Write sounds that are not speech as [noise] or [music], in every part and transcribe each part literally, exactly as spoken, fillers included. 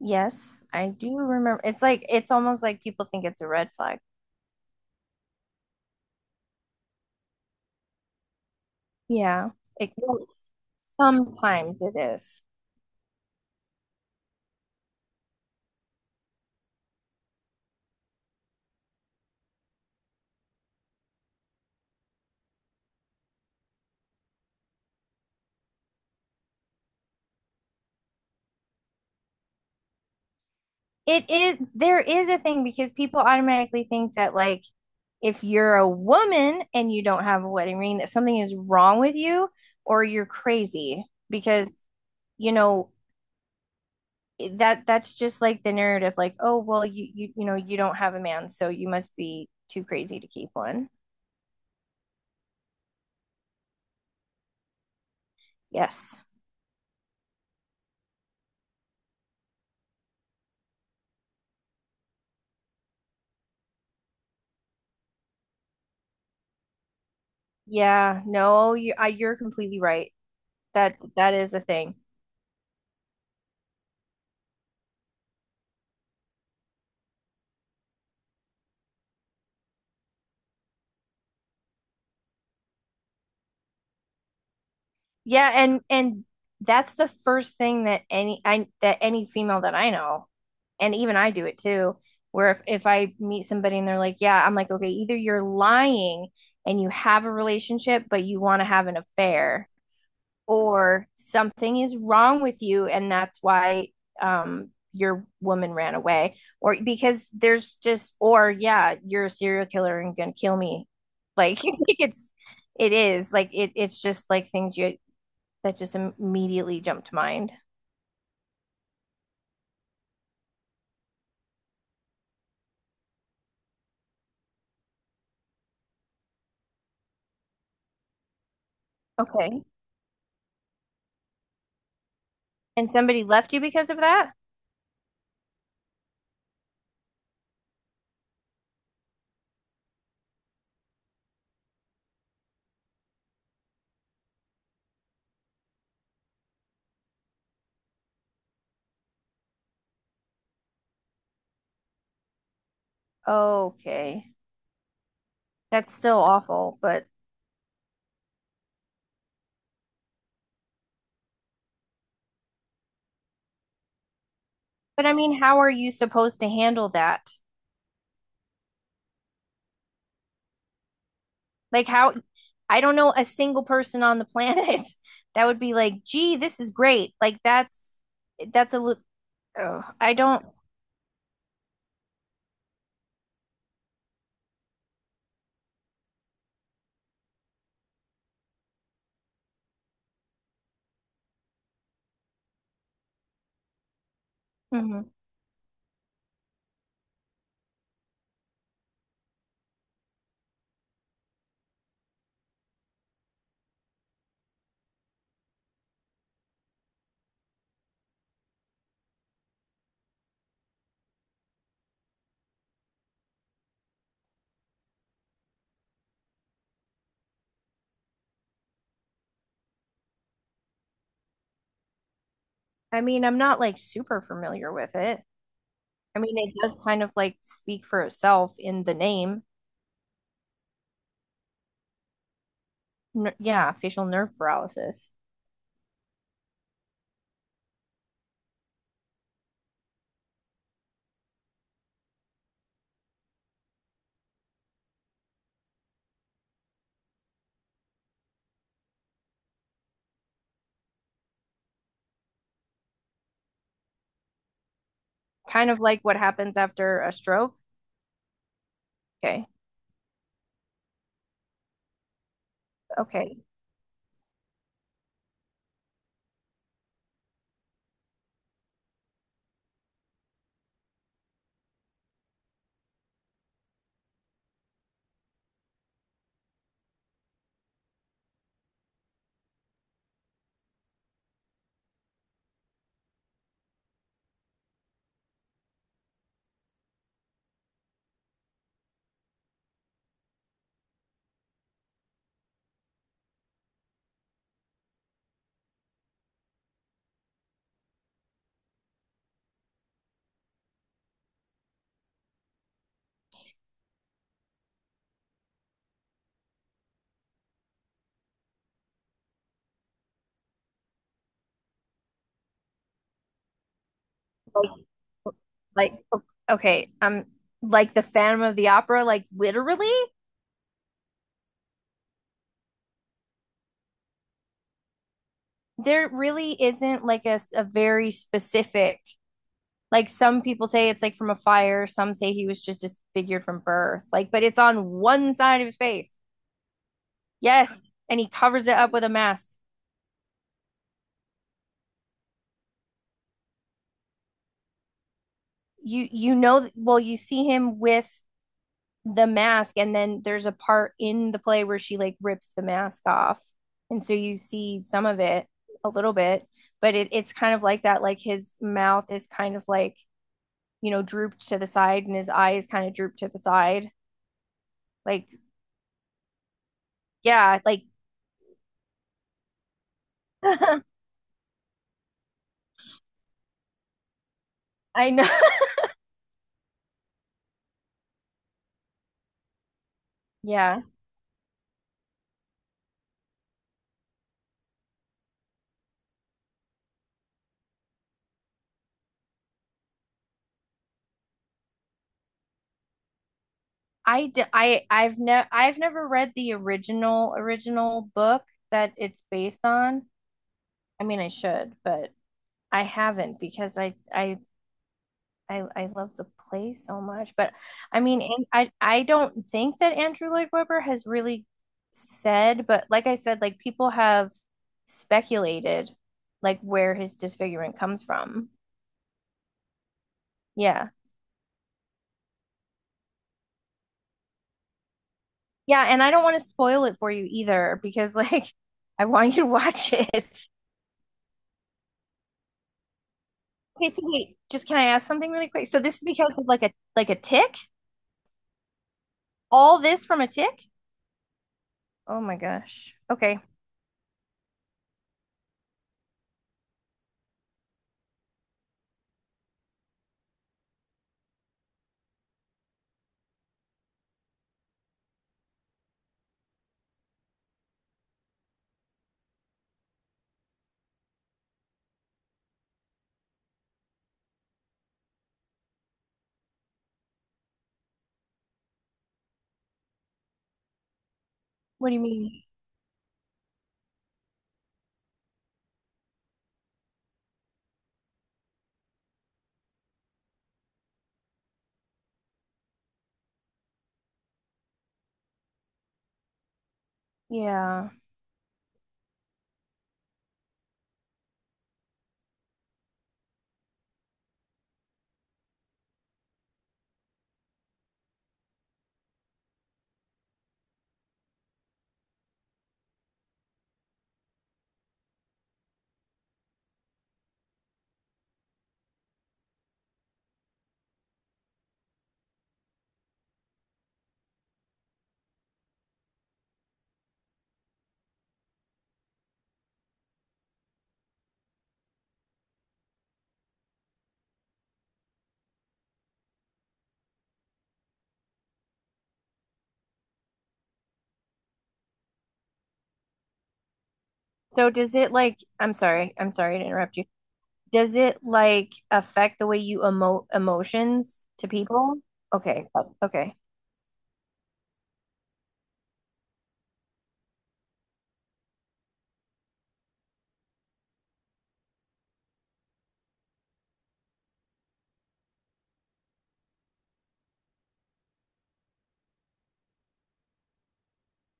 Yes, I do remember. It's like it's almost like people think it's a red flag. Yeah. It, well, sometimes it is. It is there is a thing because people automatically think that, like, if you're a woman and you don't have a wedding ring, that something is wrong with you or you're crazy because you know that that's just like the narrative, like, oh, well, you you you know you don't have a man, so you must be too crazy to keep one. Yes. Yeah, no, you I, you're completely right. That that is a thing. Yeah, and and that's the first thing that any I that any female that I know, and even I do it too, where if, if I meet somebody and they're like, yeah, I'm like, okay, either you're lying and you have a relationship, but you want to have an affair. Or something is wrong with you, and that's why um your woman ran away, or because there's just, or, yeah, you're a serial killer and gonna kill me, like, [laughs] it's, it is like it it's just like things you that just immediately jump to mind. Okay. And somebody left you because of that? Okay. That's still awful, but— But, I mean, how are you supposed to handle that? Like, how? I don't know a single person on the planet [laughs] that would be like, "Gee, this is great." Like, that's that's a lit- oh, I don't. Mhm. I mean, I'm not like super familiar with it. I mean, it does kind of like speak for itself in the name. N Yeah, facial nerve paralysis. Kind of like what happens after a stroke. Okay. Okay. Like like okay, um like the Phantom of the Opera, like, literally? There really isn't, like, a, a very specific, like, some people say it's like from a fire, some say he was just disfigured from birth, like, but it's on one side of his face. Yes, and he covers it up with a mask. You you know well, you see him with the mask, and then there's a part in the play where she, like, rips the mask off, and so you see some of it, a little bit, but it, it's kind of like that, like, his mouth is kind of like, you know drooped to the side, and his eyes kind of drooped to the side. Like, yeah, like [laughs] I know. [laughs] Yeah. I d I I've never I've never read the original original book that it's based on. I mean, I should, but I haven't because I I I, I love the play so much. But, I mean, and I I don't think that Andrew Lloyd Webber has really said, but, like I said, like, people have speculated like where his disfigurement comes from. Yeah. Yeah, and I don't want to spoil it for you either, because, like, [laughs] I want you to watch it. [laughs] Okay, so wait, just can I ask something really quick? So this is because of, like, a like a tick? All this from a tick? Oh my gosh. Okay. What do you mean? Yeah. So does it, like— I'm sorry, I'm sorry to interrupt you. Does it like affect the way you emote emotions to people? Okay. Oh, okay.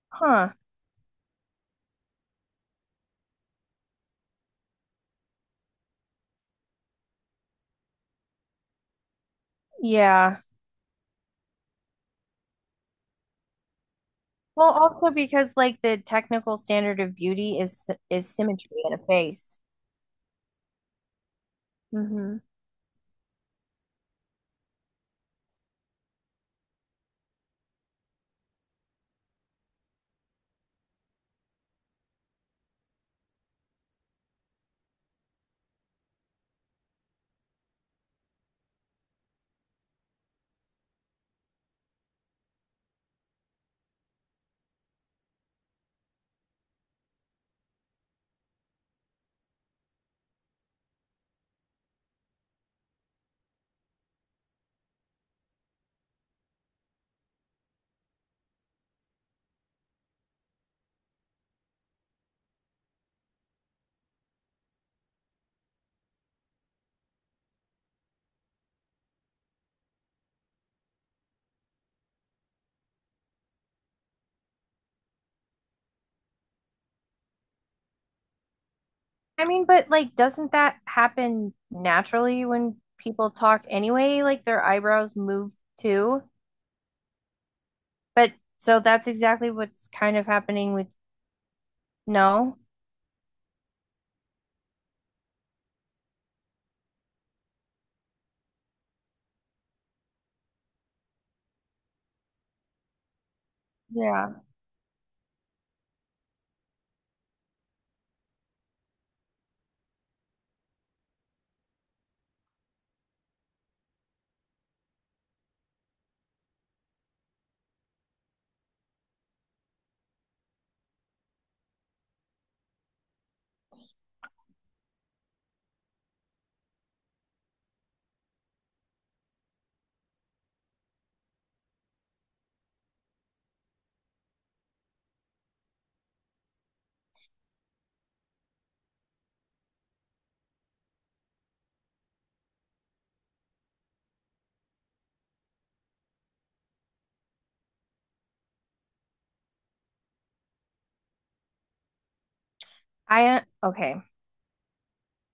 Huh. Yeah. Well, also because, like, the technical standard of beauty is is symmetry in a face. Hmm. I mean, but, like, doesn't that happen naturally when people talk anyway? Like, their eyebrows move too. But so that's exactly what's kind of happening with, no. Yeah. I uh, Okay,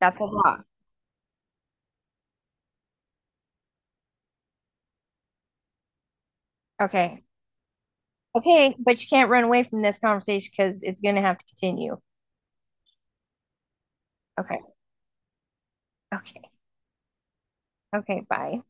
that's a lot. Okay. Okay, but you can't run away from this conversation because it's gonna have to continue. Okay. Okay. Okay, bye.